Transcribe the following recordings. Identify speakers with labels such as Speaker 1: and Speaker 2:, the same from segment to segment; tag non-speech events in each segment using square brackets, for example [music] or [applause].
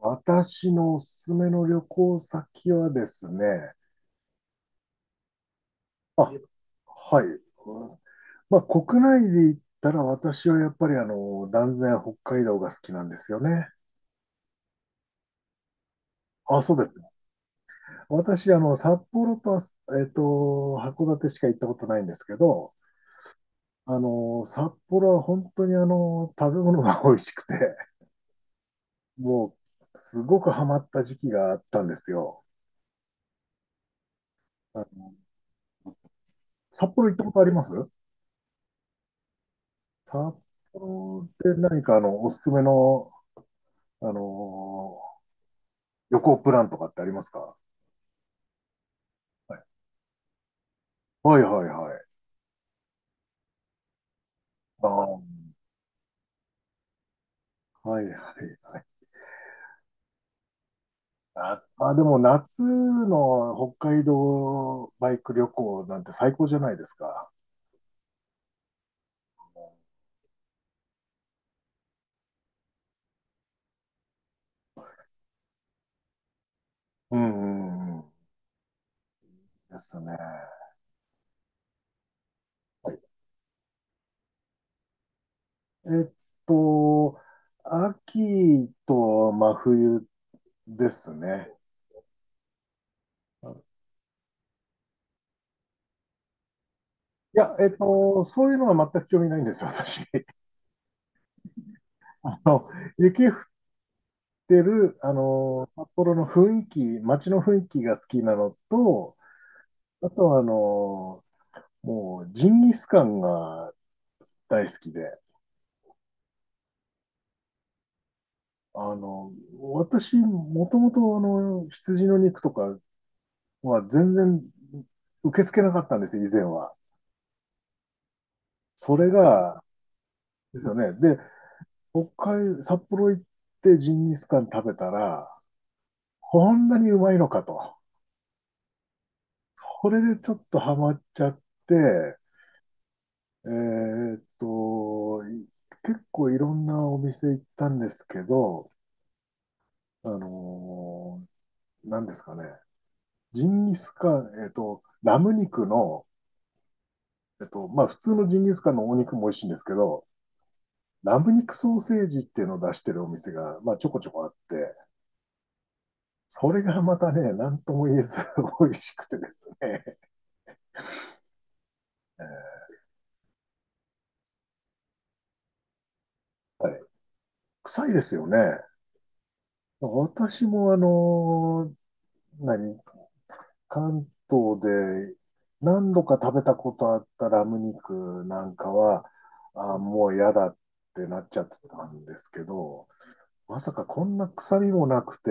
Speaker 1: 私のおすすめの旅行先はですね、あ、はい。うん。まあ、国内で言ったら私はやっぱり断然北海道が好きなんですよね。あ、そうですね。私、札幌とえっと、函館しか行ったことないんですけど、札幌は本当に食べ物が美味しくて、もう、すごくハマった時期があったんですよ。あの札幌行ったことあります？札幌で何かおすすめの、あのー旅行プランとかってありますか？はい、はい、はいはい。あー、はい、はい、はい。あ、あ、でも夏の北海道バイク旅行なんて最高じゃないですか。うん、うん、うん、ですね。はい、えっと、秋と真冬ですね。いや、そういうのは全く興味ないんですよ、私。[laughs] あの、雪降ってる、札幌の雰囲気、街の雰囲気が好きなのと、あとはもうジンギスカンが大好きで、あの、私、もともと羊の肉とかは全然受け付けなかったんですよ、以前は。それが、ですよね。で、北海、札幌行ってジンギスカン食べたら、こんなにうまいのかと。これでちょっとハマっちゃって、えーっと、い結構いろんなお店行ったんですけど、あの何ですかね、ジンギスカン、ラム肉の、まあ普通のジンギスカンのお肉も美味しいんですけど、ラム肉ソーセージっていうのを出してるお店が、まあちょこちょこあって、それがまたね、何とも言えず [laughs] 美味しくてですね。はい。臭いですよね。私も何関東で何度か食べたことあったラム肉なんかは、あ、もう嫌だってなっちゃってたんですけど、まさかこんな臭みもなくて、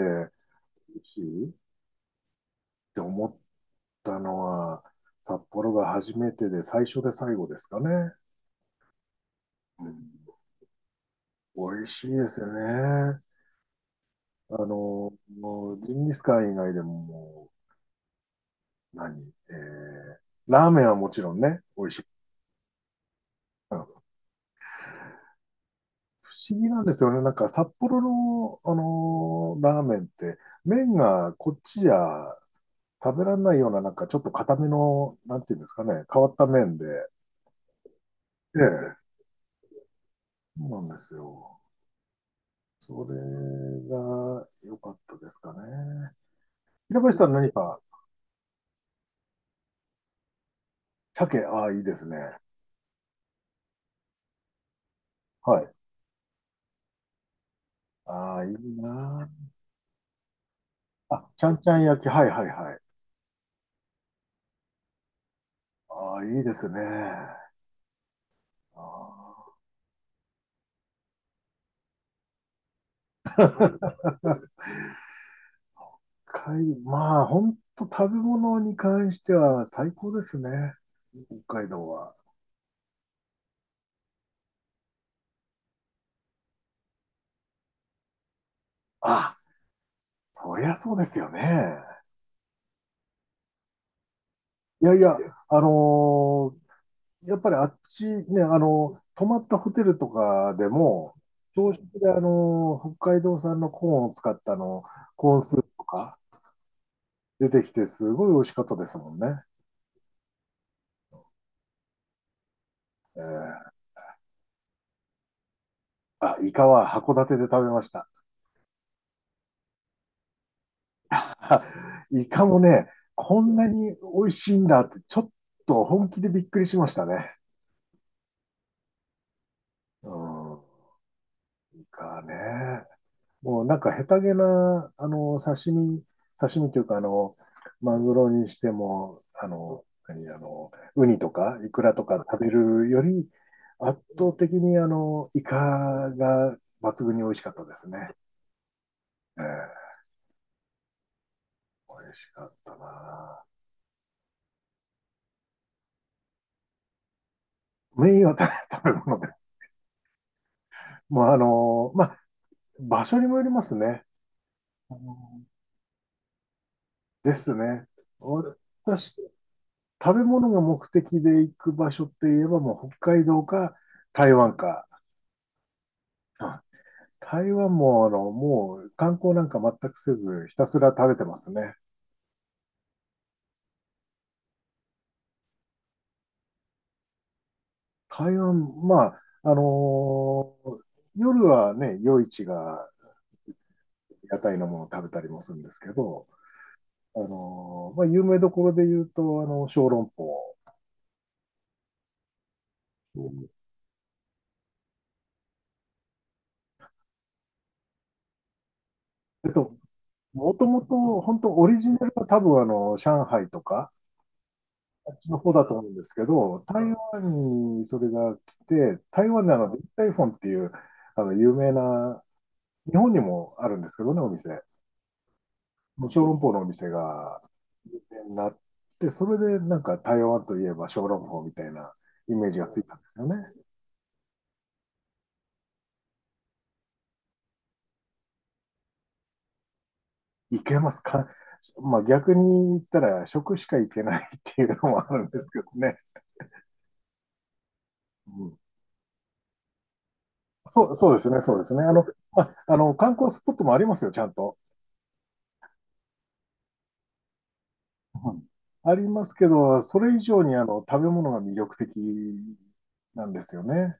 Speaker 1: 美味しいって思ったのは、札幌が初めてで最初で最後ですかね。うん、美味しいですよね。あの、もうジンギスカン以外でももう、何えーラーメンはもちろんね、美味しい。うん、不思議なんですよね。なんか札幌の、ラーメンって、麺がこっちじゃ食べられないような、なんかちょっと硬めの、なんていうんですかね、変わった麺で。ええ、そうなんですよ。それが良かったですかね。平林さん何か、鮭、ああ、いいですね。はい。ああ、いいな。あ、ちゃんちゃん焼き、はいはいはい。ああ、いいですね。ああ。海、まあ、本当食べ物に関しては最高ですね。北海道は。あ、そりゃそうですよね。いやいや、あのーやっぱりあっちね、泊まったホテルとかでも、朝食で北海道産のコーンを使ったコーンスープとか出てきて、すごい美味しかったですもんね。えー、あ、イカは函館で食べました。[laughs] あ、イカもね、こんなに美味しいんだって、ちょっと本気でびっくりしましたね。うん。イカね。もうなんか下手げな、刺身、刺身というか、マグロにしても、あの、何、あの、ウニとかイクラとか食べるより、圧倒的にイカが抜群に美味しかったですね。ええ、美味しかったな。メインは食べ食べ物で。もうまあ、場所にもよりますね。あのですね。私、食べ物が目的で行く場所って言えばもう北海道か台湾か。うん、台湾ももう観光なんか全くせずひたすら食べてますね。台湾、まあ、夜はね、夜市が屋台のものを食べたりもするんですけど、まあ、有名どころで言うと、小籠包。えっと、もともと、本当オリジナルは多分上海とか、あっちの方だと思うんですけど、台湾にそれが来て、台湾でデッタイフォンっていう、有名な、日本にもあるんですけどね、お店。もう小籠包のお店が有名になって、それでなんか台湾といえば小籠包みたいなイメージがついたんですよね。いけますか？まあ逆に言ったら食しかいけないっていうのもあるんですけどね。うん、そう、そうですね、そうですね。まあ、観光スポットもありますよ、ちゃんと。はい、ありますけど、それ以上に食べ物が魅力的なんですよね。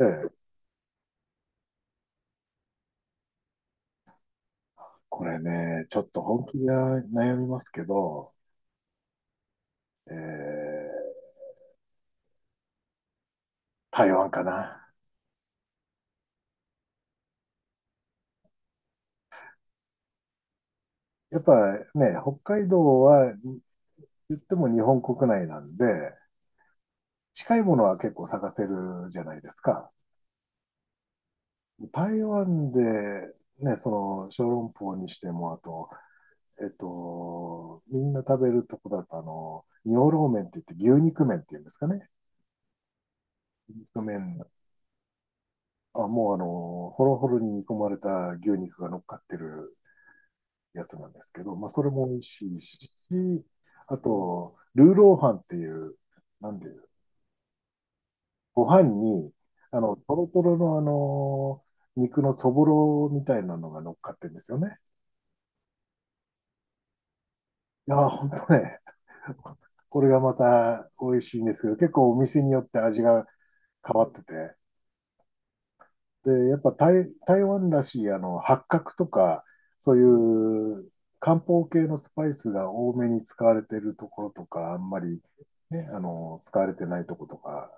Speaker 1: ええ、これね、ちょっと本気で悩みますけど、えー台湾かな。やっぱね、北海道は言っても日本国内なんで、近いものは結構探せるじゃないですか。台湾で、ね、その小籠包にしても、あと、みんな食べるとこだと、尿ローメンって言って牛肉麺っていうんですかね。側あ、もうホロホロに煮込まれた牛肉が乗っかってるやつなんですけど、まあ、それも美味しいし、あと、ルーローハンっていう、なんで、ご飯に、トロトロの肉のそぼろみたいなのが乗っかってるんですよね。いやー、ほんとね、これがまた美味しいんですけど、結構お店によって味が変わってて、で、やっぱ台、台湾らしい八角とか、そういう漢方系のスパイスが多めに使われてるところとか、あんまり、ね、使われてないところとか、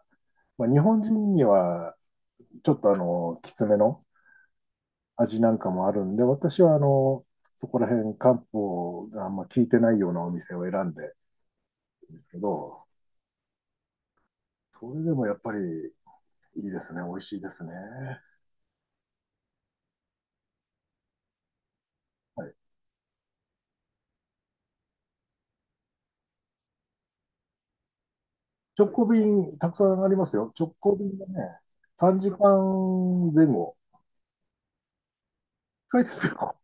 Speaker 1: まあ、日本人にはちょっときつめの味なんかもあるんで、私はそこら辺漢方があんま効いてないようなお店を選んでるんですけど、それでもやっぱりいいですね、美味しいですね。はい、直行便たくさんありますよ。直行便がね、3時間前後。近いですよ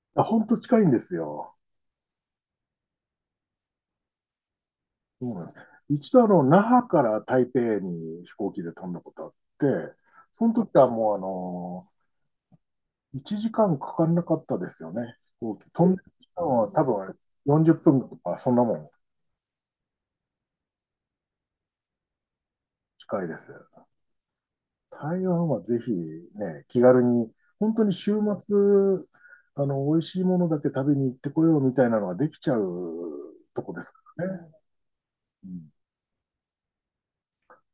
Speaker 1: [laughs]。本当近いんですよ。そうなんです。一度那覇から台北に飛行機で飛んだことあって、その時はもう1時間かんかかんなかったですよね。飛行機。飛んでる時間は多分あれ40分とかそんなもん近いです。台湾はぜひね、気軽に、本当に週末、美味しいものだけ食べに行ってこようみたいなのができちゃうとこですからね。うん